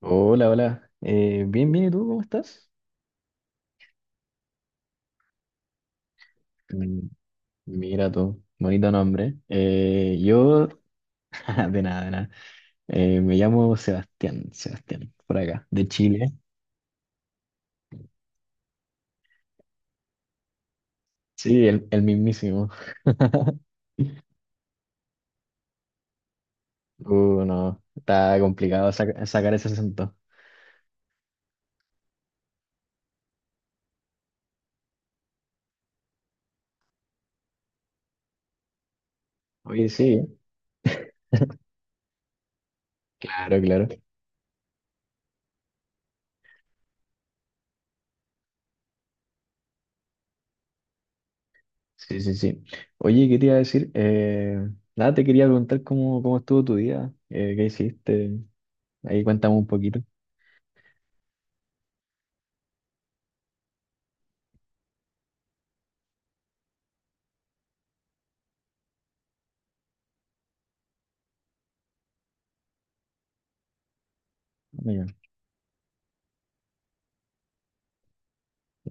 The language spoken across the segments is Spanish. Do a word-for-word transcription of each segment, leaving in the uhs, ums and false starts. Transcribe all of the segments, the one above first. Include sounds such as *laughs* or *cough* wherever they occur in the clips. Hola, hola. Eh, bien, bien, ¿y tú cómo estás? Mm, Mira tú, bonito nombre. Eh, yo, *laughs* de nada, de nada. Eh, me llamo Sebastián, Sebastián, por acá, de Chile. Sí, el, el mismísimo. Uh, no, está complicado saca- sacar ese acento. Oye, sí, ¿eh? Claro, claro. Sí, sí, sí. Oye, ¿qué te iba a decir? Eh, nada, te quería preguntar cómo, cómo estuvo tu día, eh, qué hiciste. Ahí cuéntame un poquito.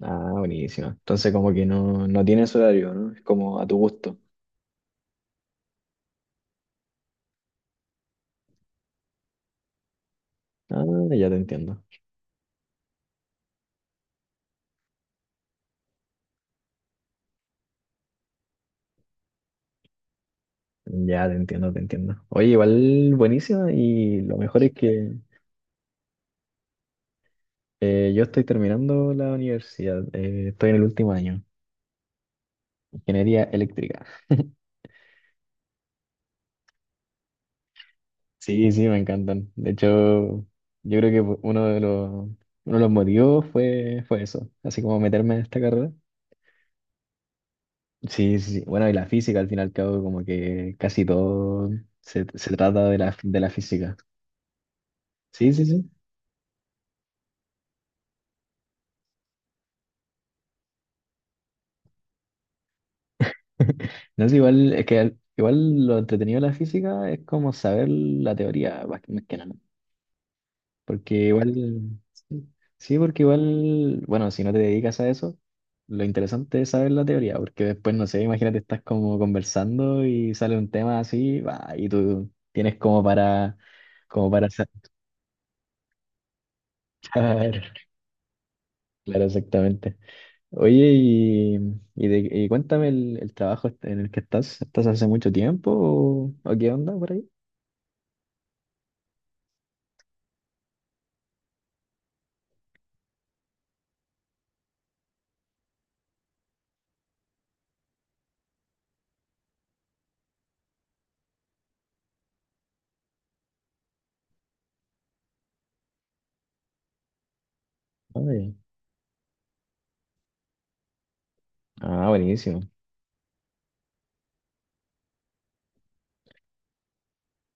Ah, buenísimo. Entonces como que no, no tienes horario, ¿no? Es como a tu gusto. Ah, ya te entiendo. Ya te entiendo, te entiendo. Oye, igual buenísima y lo mejor es que eh, yo estoy terminando la universidad. Eh, estoy en el último año, ingeniería eléctrica. Sí, sí, me encantan. De hecho, yo creo que fu- uno de los, uno de los motivos fue, fue eso, así como meterme en esta carrera. Sí, sí, sí. Bueno, y la física al fin y al cabo como que casi todo se, se trata de la, de la física. Sí, sí, sí. *laughs* No es igual, es que igual lo entretenido de la física es como saber la teoría más que más que nada. Porque igual, sí, sí, porque igual, bueno, si no te dedicas a eso, lo interesante es saber la teoría, porque después, no sé, imagínate, estás como conversando y sale un tema así, va, y tú tienes como para, como para sa- *laughs* claro, claro, exactamente. Oye, y, y de- y cuéntame el, el trabajo en el que estás, ¿estás hace mucho tiempo o, o qué onda por ahí? Ay, ah, buenísimo.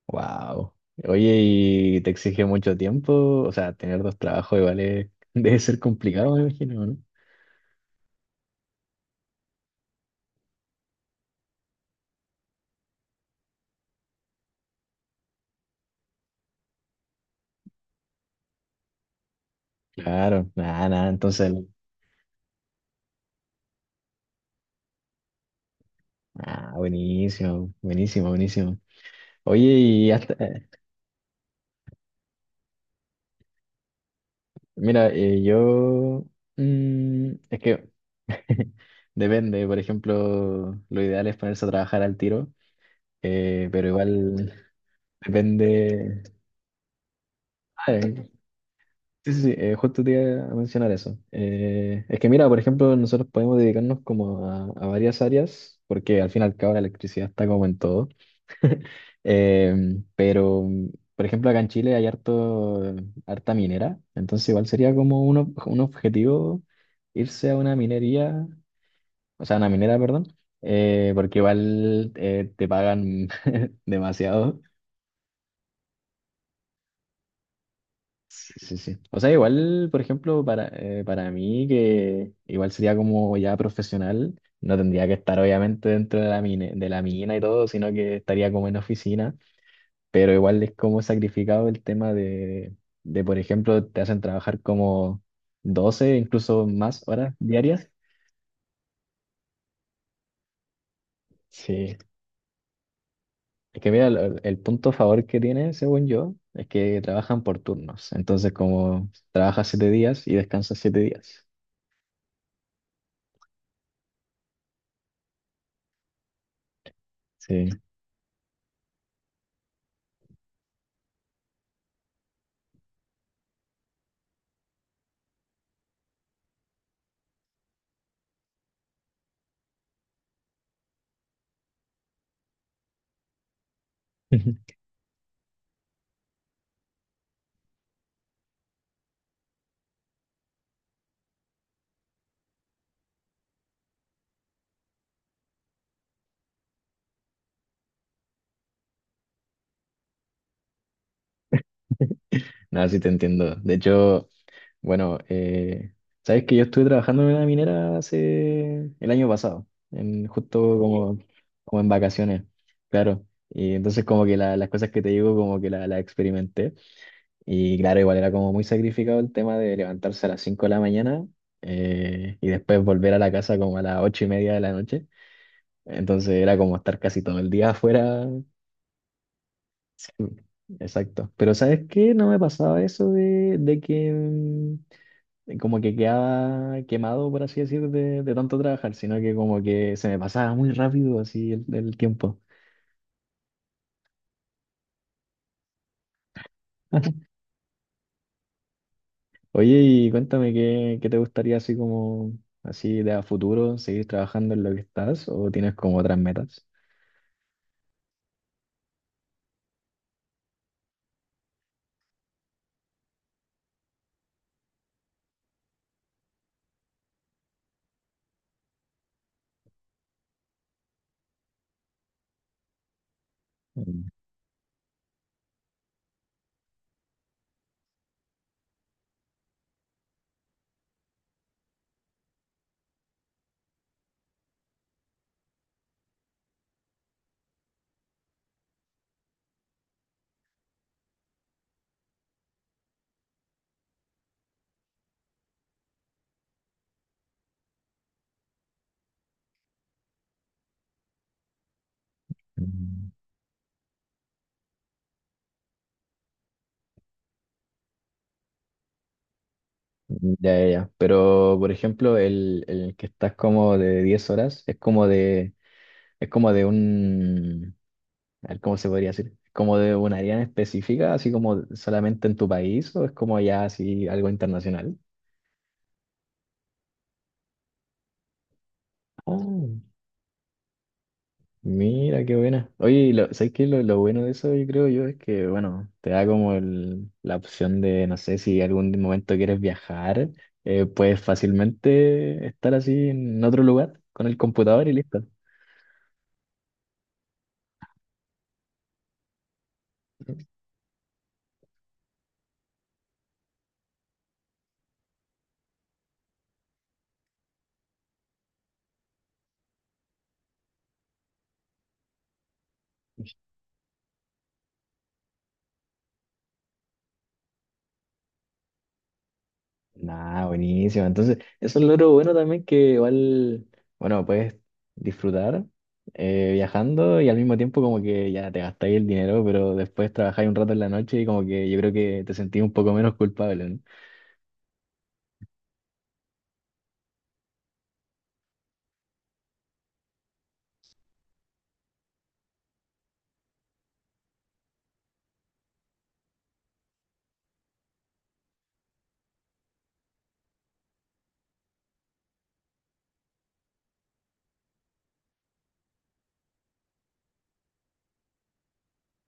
Wow. Oye, ¿y te exige mucho tiempo? O sea, tener dos trabajos igual es- *laughs* debe ser complicado, me imagino, ¿no? Claro, nada, nada, entonces, ah, buenísimo, buenísimo, buenísimo. Oye, y hasta, eh, mira, eh, yo, mm, es que *laughs* depende, por ejemplo, lo ideal es ponerse a trabajar al tiro, eh, pero igual depende, sí, sí, sí, eh, justo te iba a mencionar eso. Eh, es que mira, por ejemplo, nosotros podemos dedicarnos como a, a varias áreas, porque al fin y al cabo la electricidad está como en todo. *laughs* Eh, pero, por ejemplo, acá en Chile hay harto, harta minera, entonces igual sería como un, ob- un objetivo irse a una minería, o sea, a una minera, perdón, eh, porque igual eh, te pagan *laughs* demasiado. Sí, sí, sí. O sea, igual, por ejemplo, para, eh, para mí, que igual sería como ya profesional, no tendría que estar obviamente dentro de la mina, de la mina y todo, sino que estaría como en oficina, pero igual es como sacrificado el tema de, de, por ejemplo, te hacen trabajar como doce incluso más horas diarias. Sí. Es que mira, lo- el punto a favor que tiene, según yo, es que trabajan por turnos. Entonces, como trabajas siete días y descansas siete días. Sí. *laughs* No, sí te entiendo. De hecho, bueno, eh, sabes que yo estuve trabajando en una minera hace el año pasado, en, justo como, como en vacaciones, claro. Y entonces como que la- las cosas que te digo como que la- las experimenté. Y claro, igual era como muy sacrificado el tema de levantarse a las cinco de la mañana eh, y después volver a la casa como a las ocho y media de la noche. Entonces era como estar casi todo el día afuera. Sí, exacto. Pero ¿sabes qué? No me pasaba eso de, de que... mm, como que quedaba quemado, por así decir, de, de tanto trabajar, sino que como que se me pasaba muy rápido así el, el tiempo. *laughs* Oye, y cuéntame qué, qué te gustaría así como, así de a futuro, seguir trabajando en lo que estás o tienes como otras metas. Mm, mm, Ya, ya, ya. Pero, por ejemplo, el, el que estás como de diez horas es como de, es como de un, a ver, ¿cómo se podría decir? ¿Como de un área en específica, así como solamente en tu país, o es como ya así algo internacional? Oh, mira, qué buena. Oye, y lo, ¿sabes qué? Lo, lo bueno de eso, yo creo yo, es que, bueno, te da como el- la opción de, no sé, si algún momento quieres viajar, eh, puedes fácilmente estar así en otro lugar con el computador y listo. Nah, buenísimo. Entonces, eso es lo bueno también que igual, bueno, puedes disfrutar eh, viajando y al mismo tiempo como que ya te gastáis el dinero, pero después trabajáis un rato en la noche y como que yo creo que te sentís un poco menos culpable, ¿no?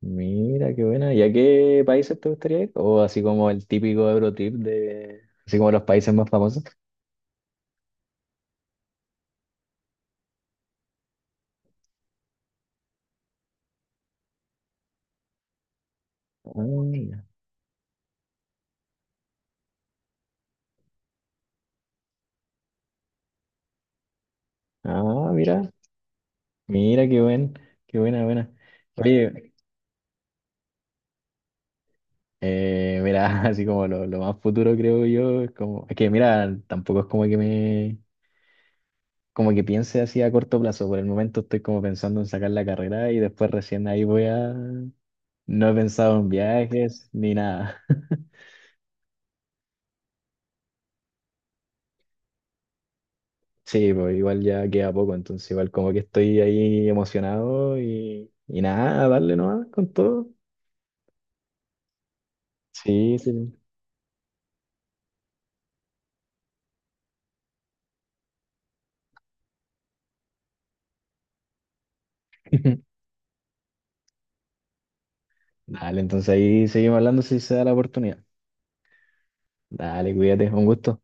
Mira, qué buena. ¿Y a qué países te gustaría ir? O así como el típico Eurotrip de, así como los países más famosos. Ah, mira, ah, mira, mira, qué buen, qué buena, buena. Oye, Eh, mira, *laughs* así como lo, lo más futuro creo yo, es como, es que mira, tampoco es como que me, como que piense así a corto plazo, por el momento estoy como pensando en sacar la carrera y después recién ahí voy a, no he pensado en viajes ni nada. *laughs* Sí, pues igual ya queda poco, entonces igual como que estoy ahí emocionado y, y nada, a darle nomás con todo. Sí, sí. *laughs* Dale, entonces ahí seguimos hablando si se da la oportunidad. Dale, cuídate, un gusto.